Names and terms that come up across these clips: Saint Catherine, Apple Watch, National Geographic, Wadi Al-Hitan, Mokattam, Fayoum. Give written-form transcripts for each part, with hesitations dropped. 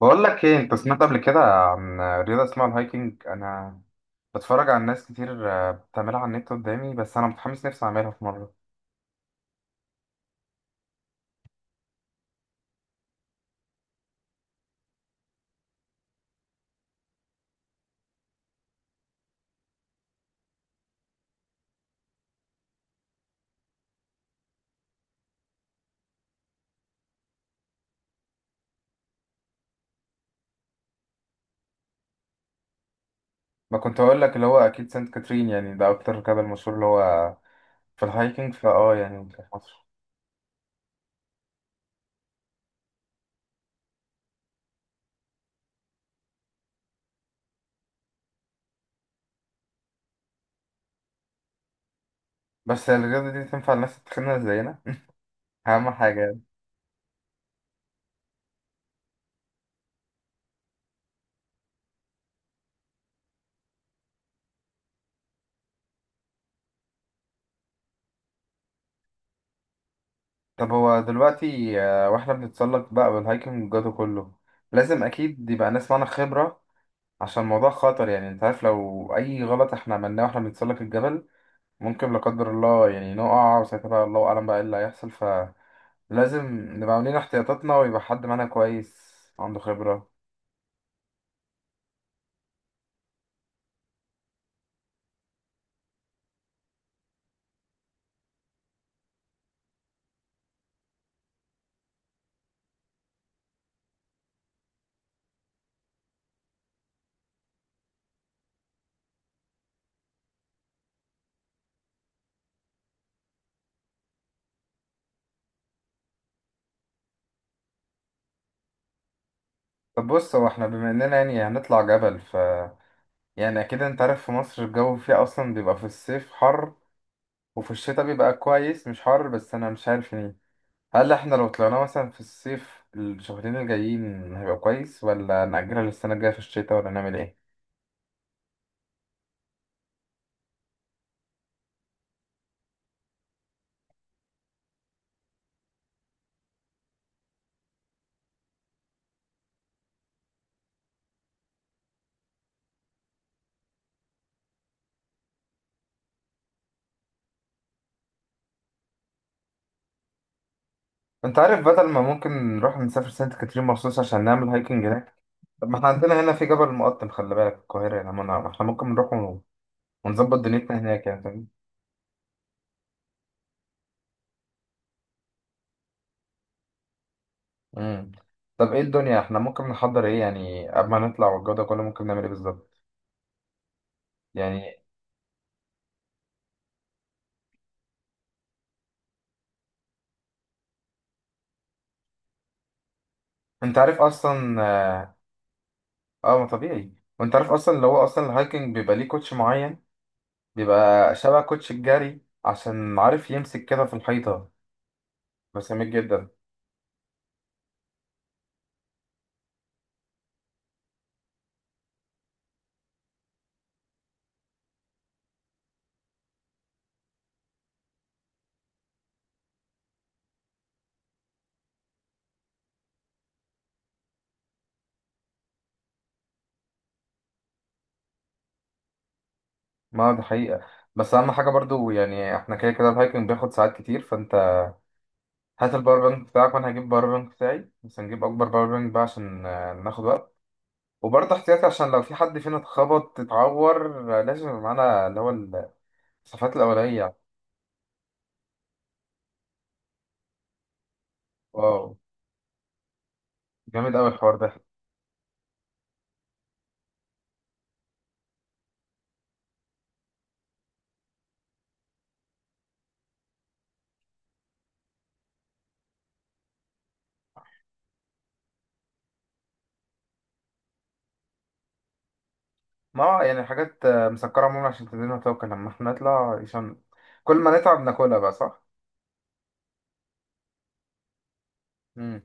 بقول لك ايه، انت سمعت قبل كده عن رياضه اسمها الهايكنج؟ انا بتفرج على ناس كتير، بتعملها على النت قدامي، بس انا متحمس نفسي اعملها في مره. ما كنت اقول لك اللي هو اكيد سانت كاترين، يعني ده اكتر جبل مشهور اللي هو في الهايكنج يعني في مصر. بس الرياضه دي تنفع الناس التخينه زينا اهم حاجه يعني. طب هو دلوقتي واحنا بنتسلق بقى بالهايكنج والجو ده كله، لازم اكيد يبقى ناس معانا خبره، عشان الموضوع خطر يعني. انت عارف لو اي غلط احنا عملناه واحنا بنتسلق الجبل، ممكن لا قدر الله يعني نقع، وساعتها بقى الله أعلم بقى إيه اللي هيحصل، فلازم نبقى عاملين احتياطاتنا، ويبقى حد معانا كويس عنده خبرة. طب بص، هو احنا بما إننا يعني هنطلع جبل، يعني أكيد أنت عارف في مصر الجو فيها أصلا بيبقى في الصيف حر، وفي الشتاء بيبقى كويس مش حر. بس أنا مش عارف يعني، هل احنا لو طلعنا مثلا في الصيف الشهرين الجايين هيبقى كويس، ولا نأجلها للسنة الجاية في الشتاء، ولا نعمل ايه؟ انت عارف، بدل ما ممكن نروح نسافر سانت كاترين مخصوص عشان نعمل هايكنج هناك، طب ما احنا عندنا هنا في جبل المقطم، خلي بالك في القاهرة، يعني ما احنا ممكن نروح ونظبط دنيتنا هناك، يعني فاهم. امم طب ايه الدنيا، احنا ممكن نحضر ايه يعني قبل ما نطلع والجو ده كله؟ ممكن نعمل ايه بالظبط يعني؟ انت عارف اصلا اه. ما طبيعي، وانت عارف اصلا اللي هو اصلا الهايكنج بيبقى ليه كوتش معين، بيبقى شبه كوتش الجري، عشان عارف يمسك كده في الحيطة. بس جميل جدا. ما ده حقيقة، بس اهم حاجة برضو يعني، احنا كده كده الهايكنج بياخد ساعات كتير. هات الباور بانك بتاعك، وانا هجيب باور بانك بتاعي، بس هنجيب اكبر باور بانك بقى عشان ناخد وقت، وبرضه احتياطي عشان لو في حد فينا اتخبط اتعور، لازم يبقى معانا اللي هو الاسعافات الاوليه. واو، جامد قوي الحوار ده. ما هو يعني حاجات مسكره عموما، عشان تدينا طاقه لما احنا نطلع، عشان كل ما نتعب ناكلها بقى، صح؟ امم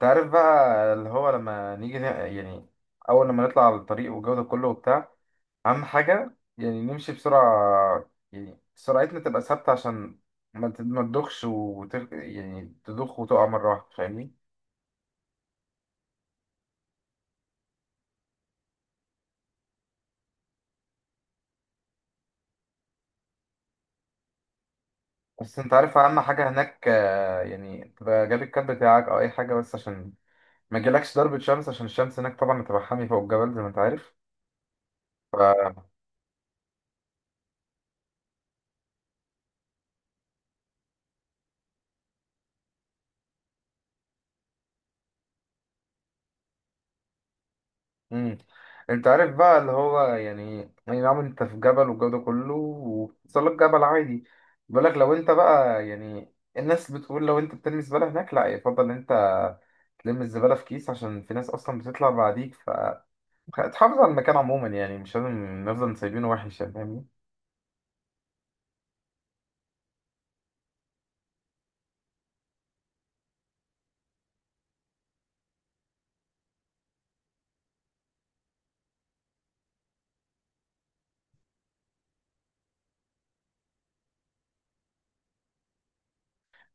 تعرف بقى اللي هو لما نيجي يعني اول لما نطلع على الطريق والجو ده كله وبتاع، اهم حاجه يعني نمشي بسرعه، يعني سرعتنا تبقى ثابته، عشان ما تدخش يعني تدخ وتقع مره واحده، فاهمني؟ بس انت عارف اهم حاجه هناك، يعني تبقى جاب الكاب بتاعك او اي حاجه، بس عشان ما يجيلكش ضربه شمس، عشان الشمس هناك طبعا هتبقى حامي فوق الجبل زي ما انت عارف. امم انت عارف بقى اللي هو يعني نعم، انت في جبل والجو ده كله، وبتصل لك جبل عادي بيقولك لو انت بقى يعني. الناس بتقول لو انت بترمي الزبالة هناك، لا، يفضل ان انت تلم الزبالة في كيس، عشان في ناس اصلا بتطلع بعديك، فتحافظ على المكان عموما، يعني مش لازم نفضل سايبينه وحش، يعني فاهمني.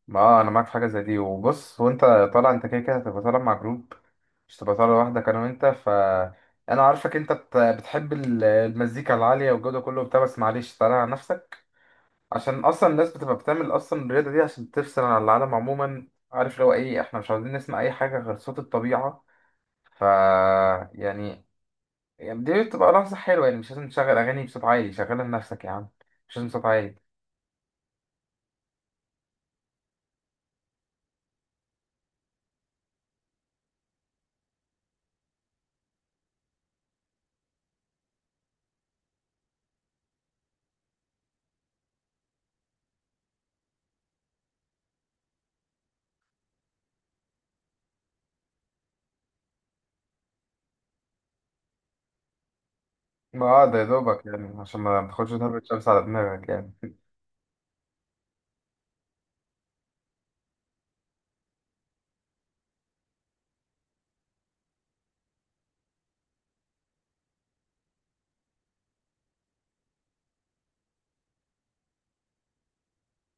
ما انا معاك في حاجة زي دي. وبص، وانت طالع، انت كده كده هتبقى طالع مع جروب، مش تبقى طالع لوحدك انا وانت، انا عارفك انت بتحب المزيكا العاليه والجو ده كله وبتاع، بس معلش تعالى على نفسك، عشان اصلا الناس بتبقى بتعمل اصلا الرياضه دي عشان تفصل عن العالم عموما. عارف لو ايه، احنا مش عاوزين نسمع اي حاجه غير صوت الطبيعه، ف يعني يعني دي بتبقى لحظه حلوه يعني، مش لازم تشغل اغاني بصوت عالي. شغلها لنفسك يا عم، مش لازم صوت عالي. ما اه، ده يا دوبك يعني، عشان ما تاخدش ضربة شمس على دماغك يعني.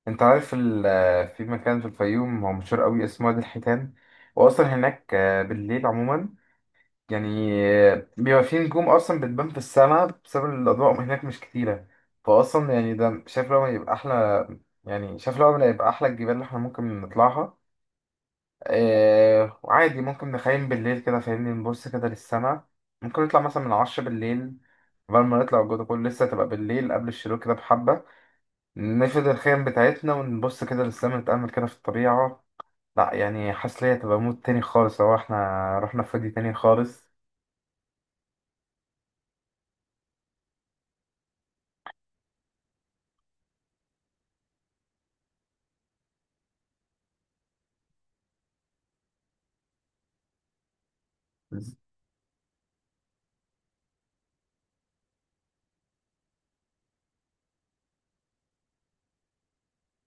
انت عارف في مكان في الفيوم هو مشهور قوي اسمه وادي الحيتان، واصلا هناك بالليل عموما يعني، بيبقى في نجوم اصلا بتبان في السماء بسبب الاضواء هناك مش كتيره، فاصلا يعني ده شايف لو ما يبقى احلى، يعني شايف لو ما يبقى احلى الجبال اللي احنا ممكن نطلعها. وعادي ممكن نخيم بالليل كده فاهمني، نبص كده للسماء. ممكن نطلع مثلا من 10 بالليل، قبل ما نطلع الجو ده كله لسه تبقى بالليل، قبل الشروق كده بحبة نفرد الخيم بتاعتنا، ونبص كده للسما، نتأمل كده في الطبيعة. لا يعني، حاسس ليا تبقى مود تاني خالص لو احنا رحنا في وادي تاني خالص.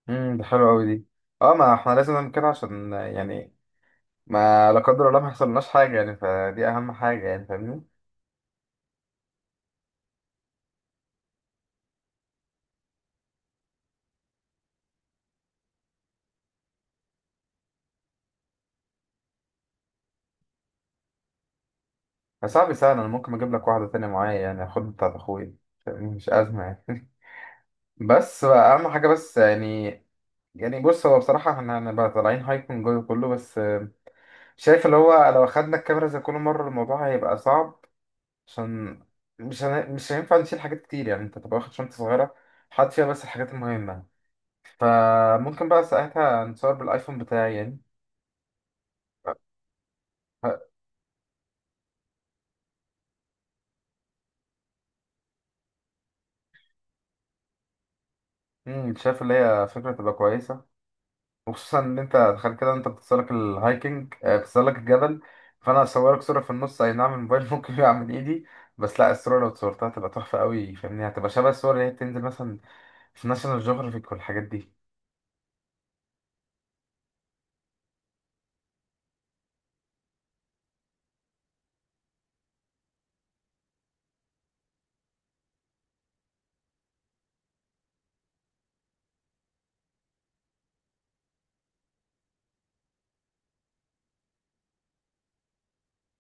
دي حلوة أوي دي. اه، ما احنا لازم نعمل كده، عشان يعني ما لا قدر الله ما يحصلناش حاجة يعني، فدي أهم حاجة يعني فاهمني. يا صاحبي سهل، أنا ممكن أجيب لك واحدة تانية معايا، يعني أخد بتاعت أخويا، فاهمني؟ مش أزمة يعني. بس بقى أهم حاجة بس يعني. يعني بص، هو بصراحة احنا هنبقى طالعين هايكنج جوه كله، بس شايف اللي هو لو أخدنا الكاميرا زي كل مرة الموضوع هيبقى صعب، عشان مش هينفع نشيل حاجات كتير، يعني أنت تبقى واخد شنطة صغيرة، حاطط فيها بس الحاجات المهمة، فممكن بقى ساعتها نصور بالآيفون بتاعي يعني. شايف اللي هي فكرة تبقى كويسة. وخصوصا ان انت تخيل كده، انت بتتسلق الهايكنج، بتتسلق الجبل، فانا هصورك صورة في النص، اي نعم الموبايل ممكن يقع من ايدي، بس لا، الصورة لو اتصورتها هتبقى تحفة قوي فاهمني، هتبقى شبه الصور اللي هي بتنزل مثلا في ناشونال جيوغرافيك والحاجات دي.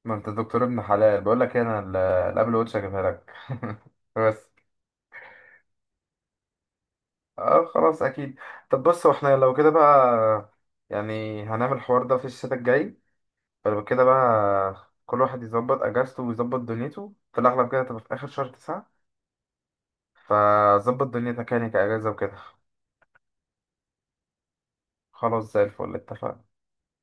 ما انت دكتور ابن حلال، بقول لك ايه، انا الابل واتش هجيبها لك بس. اه خلاص، اكيد. طب بص، واحنا لو كده بقى يعني هنعمل الحوار ده في الشتاء الجاي، فلو كده بقى كل واحد يظبط اجازته ويظبط دنيته، في الاغلب كده تبقى في اخر شهر تسعة، فظبط دنيتك يعني كاجازه وكده. خلاص زي الفل، اتفقنا.